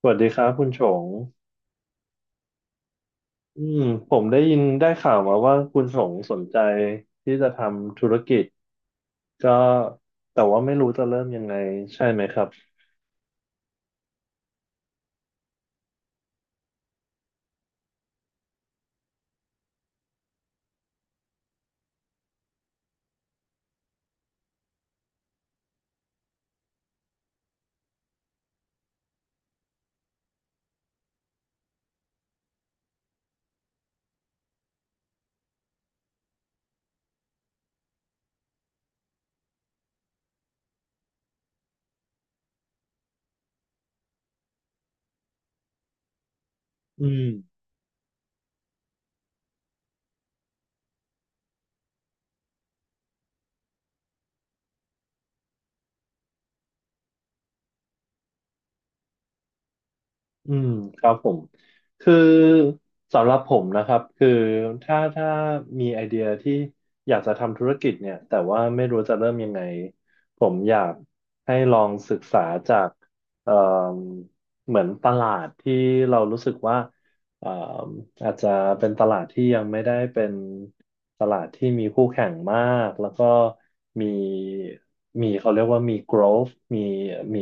สวัสดีครับคุณชงอืมผมได้ยินได้ข่าวมาว่าคุณชงสนใจที่จะทำธุรกิจก็แต่ว่าไม่รู้จะเริ่มยังไงใช่ไหมครับอืมอืมครับผมคือสำหรับผมนะครับถ้ามีไอเดียที่อยากจะทำธุรกิจเนี่ยแต่ว่าไม่รู้จะเริ่มยังไงผมอยากให้ลองศึกษาจากเอ่อเหมือนตลาดที่เรารู้สึกว่า อ่าอาจจะเป็นตลาดที่ยังไม่ได้เป็นตลาดที่มีคู่แข่งมากแล้วก็มีมีเขาเรียกว่ามี growth มีมี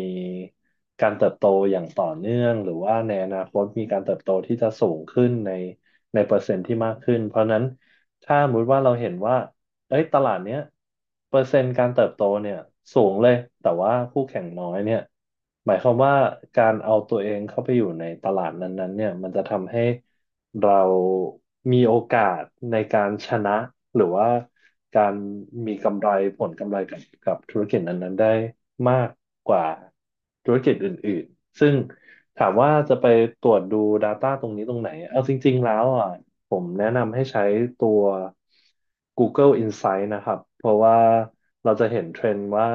การเติบโตอย่างต่อเนื่องหรือว่าในอนาคตมีการเติบโตที่จะสูงขึ้นในเปอร์เซ็นต์ที่มากขึ้นเพราะฉะนั้น ถ้าสมมติว่าเราเห็นว่าเอ้ยตลาดเนี้ยเปอร์เซ็นต์การเติบโตเนี่ยสูงเลยแต่ว่าคู่แข่งน้อยเนี่ยหมายความว่าการเอาตัวเองเข้าไปอยู่ในตลาดนั้นๆเนี่ยมันจะทำให้เรามีโอกาสในการชนะหรือว่าการมีกำไรผลกำไรกับธุรกิจนั้นๆได้มากกว่าธุรกิจอื่นๆซึ่งถามว่าจะไปตรวจดู Data ตรงนี้ตรงไหนเอาจริงๆแล้วอ่ะ ผมแนะนำให้ใช้ตัว Google Insight นะครับ เพราะว่าเราจะเห็นเทรนด์ว่า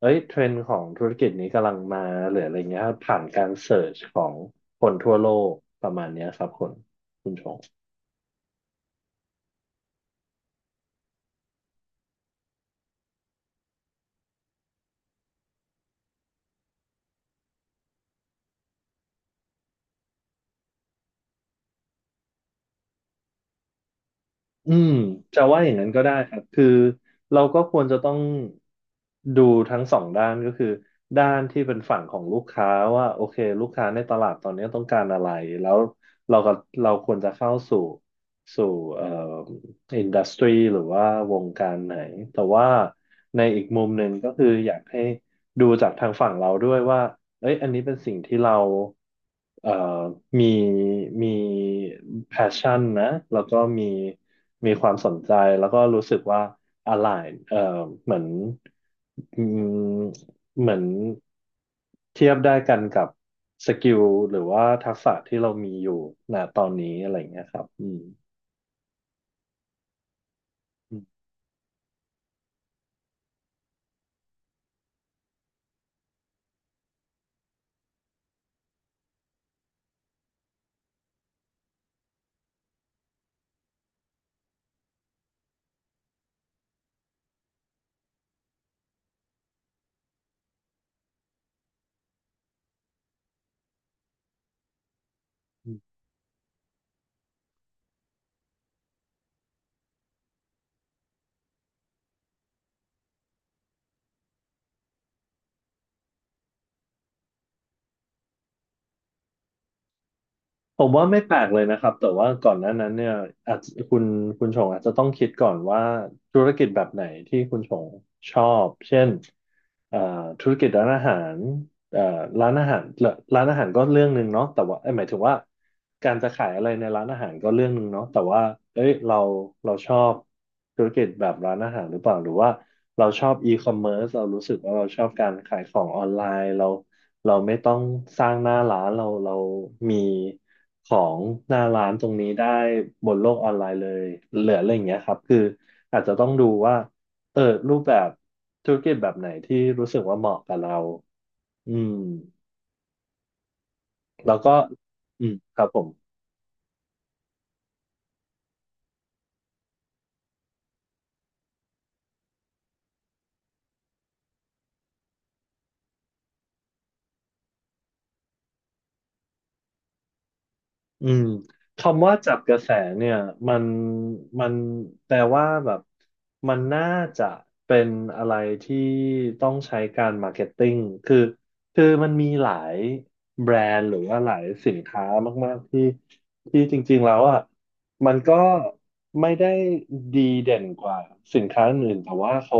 เอ้ยเทรนด์ของธุรกิจนี้กำลังมาหรืออะไรเงี้ยครับผ่านการเสิร์ชของคนทั่วโลกประมาณเนี้ยครับคุณชง อืมจะว่าอย่างนั้นก็ได้ครับคือเราก็ควรจะต้องดูทั้งสองด้านก็คือด้านที่เป็นฝั่งของลูกค้าว่าโอเคลูกค้าในตลาดตอนนี้ต้องการอะไรแล้วเราก็เราควรจะเข้าสู่เอ่ออินดัสทรีหรือว่าวงการไหนแต่ว่าในอีกมุมหนึ่งก็คืออยากให้ดูจากทางฝั่งเราด้วยว่า เอ้ยอันนี้เป็นสิ่งที่เราเอ่อมีมีแพชชั่นนะแล้วก็มีความสนใจแล้วก็รู้สึกว่า align เหมือนอืมเหมือนเทียบได้กันกับสกิลหรือว่าทักษะที่เรามีอยู่ณตอนนี้อะไรอย่างเงี้ยครับอืม ผมว่าไม่แปลกเลยนะครับแต่ว่าก่อนหน้านั้นเนี่ยอาจคุณคุณชงอาจจะต้องคิดก่อนว่าธุรกิจแบบไหนที่คุณชงชอบเช่นเอ่อธุรกิจร้านอาหาร เอ่อร้านอาหารร้านอาหารก็เรื่องหนึ่งเนาะแต่ว่าเอ้ยหมายถึงว่าการจะขายอะไรในร้านอาหารก็เรื่องหนึ่งเนาะแต่ว่าเอ้ยเราชอบธุรกิจแบบร้านอาหารหรือเปล่าหรือว่าเราชอบอีคอมเมิร์ซเรารู้สึกว่าเราชอบการขายของออนไลน์เราไม่ต้องสร้างหน้าร้านเรามีของหน้าร้านตรงนี้ได้บนโลกออนไลน์เลยเหลืออะไรอย่างเงี้ยครับอาจจะต้องดูว่าเออรูปแบบธุรกิจแบบไหนที่รู้สึกว่าเหมาะกับเรา อืมแล้วก็ครับผมอืมคำว่าจับกระแสเนี่ยมันมันแปลว่าแบบมันน่าจะเป็นอะไรที่ต้องใช้การมาร์เก็ตติ้งคือคือมันมีหลายแบรนด์หรือว่าหลายสินค้ามากๆที่ที่จริงๆแล้วอ่ะ มันก็ไม่ได้ดีเด่นกว่าสินค้าอื่นแต่ว่าเขา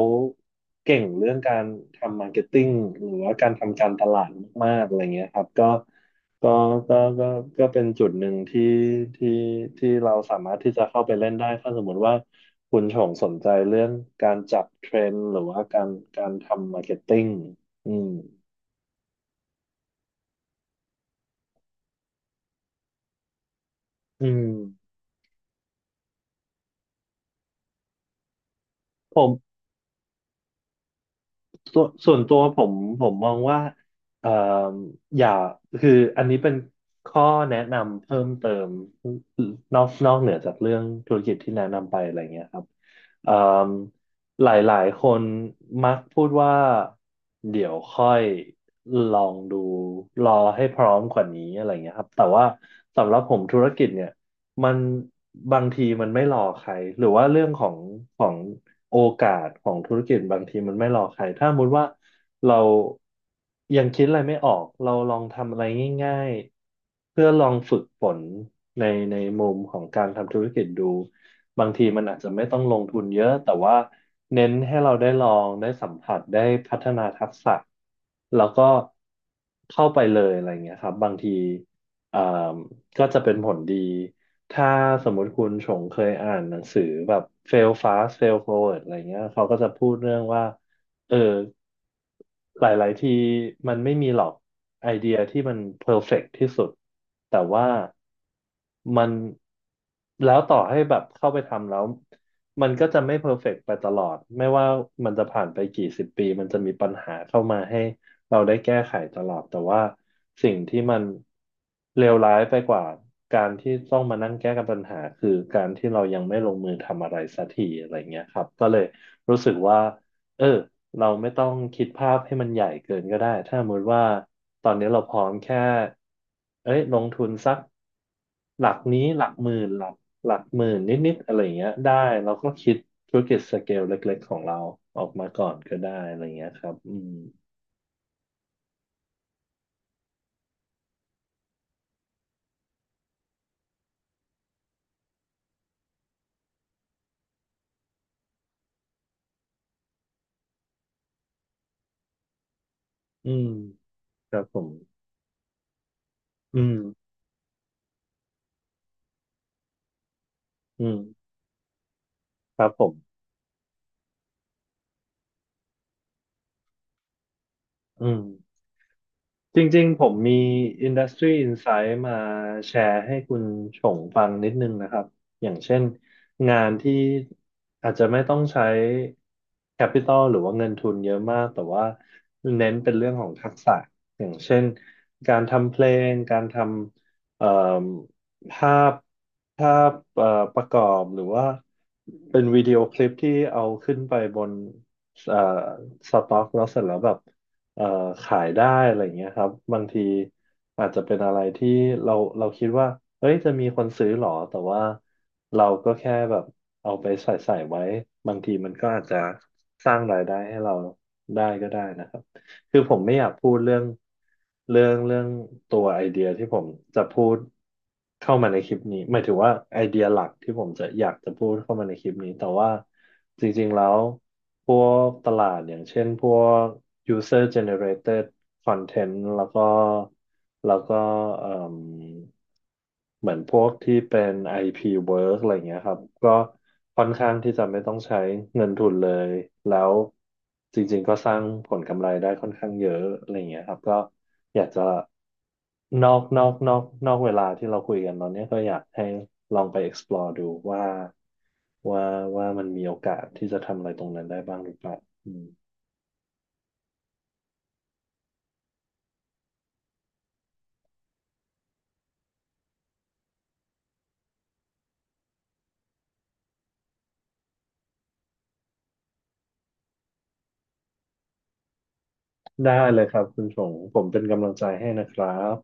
เก่งเรื่องการทำมาร์เก็ตติ้งหรือว่าการทำการตลาดมากๆอะไรเงี้ยครับก็ก็ก็ก็เป็นจุดหนึ่งที่ที่ที่เราสามารถที่จะเข้าไปเล่นได้ถ้าสมมติว่าคุณชงสนใจเรื่องการจับเทรนด์หรือว่าการทำมาร์เก็ตติ้งอืมอืมผม ส่วนตัวผมผมมองว่าเอ่ออย่าคืออันนี้เป็นข้อแนะนำเพิ่มเติมนอกเหนือจากเรื่องธุรกิจที่แนะนำไปอะไรเงี้ยครับเอ่อหลายๆคนมักพูดว่าเดี๋ยวค่อยลองดูรอให้พร้อมกว่านี้อะไรเงี้ยครับแต่ว่าสำหรับผมธุรกิจเนี่ย มันบางทีมันไม่รอใครหรือว่าเรื่องของโอกาสของธุรกิจบางทีมันไม่รอใครถ้าสมมติว่าเรายังคิดอะไรไม่ออกเราลองทำอะไรง่ายๆเพื่อลองฝึกฝนในในมุมของการทำธุรกิจดูบางทีมันอาจจะไม่ต้องลงทุนเยอะแต่ว่าเน้นให้เราได้ลองได้สัมผัสได้พัฒนาทักษะแล้วก็เข้าไปเลยอะไรเงี้ยครับบางทีเอ่อ ก็จะเป็นผลดี ถ้าสมมติคุณชงเคยอ่านหนังสือแบบ fail fast fail forward อะไรเงี้ยเขาก็จะพูดเรื่องว่า เออ หลายๆทีมันไม่มีหรอกไอเดียที่มันเพอร์เฟกต์ที่สุด แต่ว่ามันแล้วต่อให้แบบเข้าไปทำแล้วมันก็จะไม่เพอร์เฟกต์ไปตลอด ไม่ว่ามันจะผ่านไปกี่สิบปีมันจะมีปัญหาเข้ามาให้ เราได้แก้ไขตลอดแต่ว่าสิ่งที่มันเลวร้ายไปกว่าการที่ต้องมานั่งแก้กับปัญหาคือการที่เรายังไม่ลงมือทำอะไรสักทีอะไรเงี้ยครับก็เลยรู้สึกว่าเออเราไม่ต้องคิดภาพให้มันใหญ่เกินก็ได้ถ้าสมมติว่าตอนนี้เราพร้อมแค่เอ้ยลงทุนสักหลักนี้หลักหมื่นหลักหมื่นนิดๆอะไรเงี้ยได้เราก็คิดธุรกิจสเกลเล็กๆของเราออกมาก่อนก็ได้อะไรเงี้ยครับอืมอืม ครับผมอืม อืมครับผมอืม จริงๆผมมี Industry Insight มาแชร์ให้คุณชงฟังนิดนึงนะครับอย่างเช่นงานที่อาจจะไม่ต้องใช้ Capital หรือว่าเงินทุนเยอะมากแต่ว่าเน้นเป็นเรื่องของทักษะอย่างเช่นการทำเพลงการทำภาพภาพประกอบหรือว่าเป็นวิดีโอคลิปที่เอาขึ้นไปบนเอ่อสต็อกแล้วเสร็จแล้วแบบ เอ่อขายได้อะไรอย่างเงี้ยครับบางทีอาจจะเป็นอะไรที่เราเราคิดว่าเฮ้ยจะมีคนซื้อหรอแต่ว่าเราก็แค่แบบเอาไปใส่ใส่ไว้บางทีมันก็อาจจะสร้างรายได้ให้เราได้ก็ได้นะครับ คือผมไม่อยากพูดเรื่องเรื่องเรื่องตัวไอเดียที่ผมจะพูดเข้ามาในคลิปนี้หมายถึงว่าไอเดียหลักที่ผมจะอยากจะพูดเข้ามาในคลิปนี้แต่ว่าจริงๆแล้วพวกตลาดอย่างเช่นพวก user generated content แล้วก็แล้วก็เอ่ม เหมือนพวกที่เป็น IP work อะไรเงี้ยครับก็ค่อนข้างที่จะไม่ต้องใช้เงินทุนเลยแล้วจริงๆก็สร้างผลกำไรได้ค่อนข้างเยอะอะไรเงี้ยครับก็อยากจะนอกนอกนอกนอกเวลาที่เราคุยกันตอนเนี้ยก็อยากให้ลองไป explore ดูว่าว่าว่ามันมีโอกาสที่จะทำอะไรตรงนั้นได้บ้างหรือเปล่าอืมได้เลยครับคุณชงผมเป็นกำลังใจให้นะครับ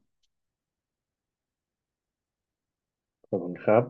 ขอบคุณครับ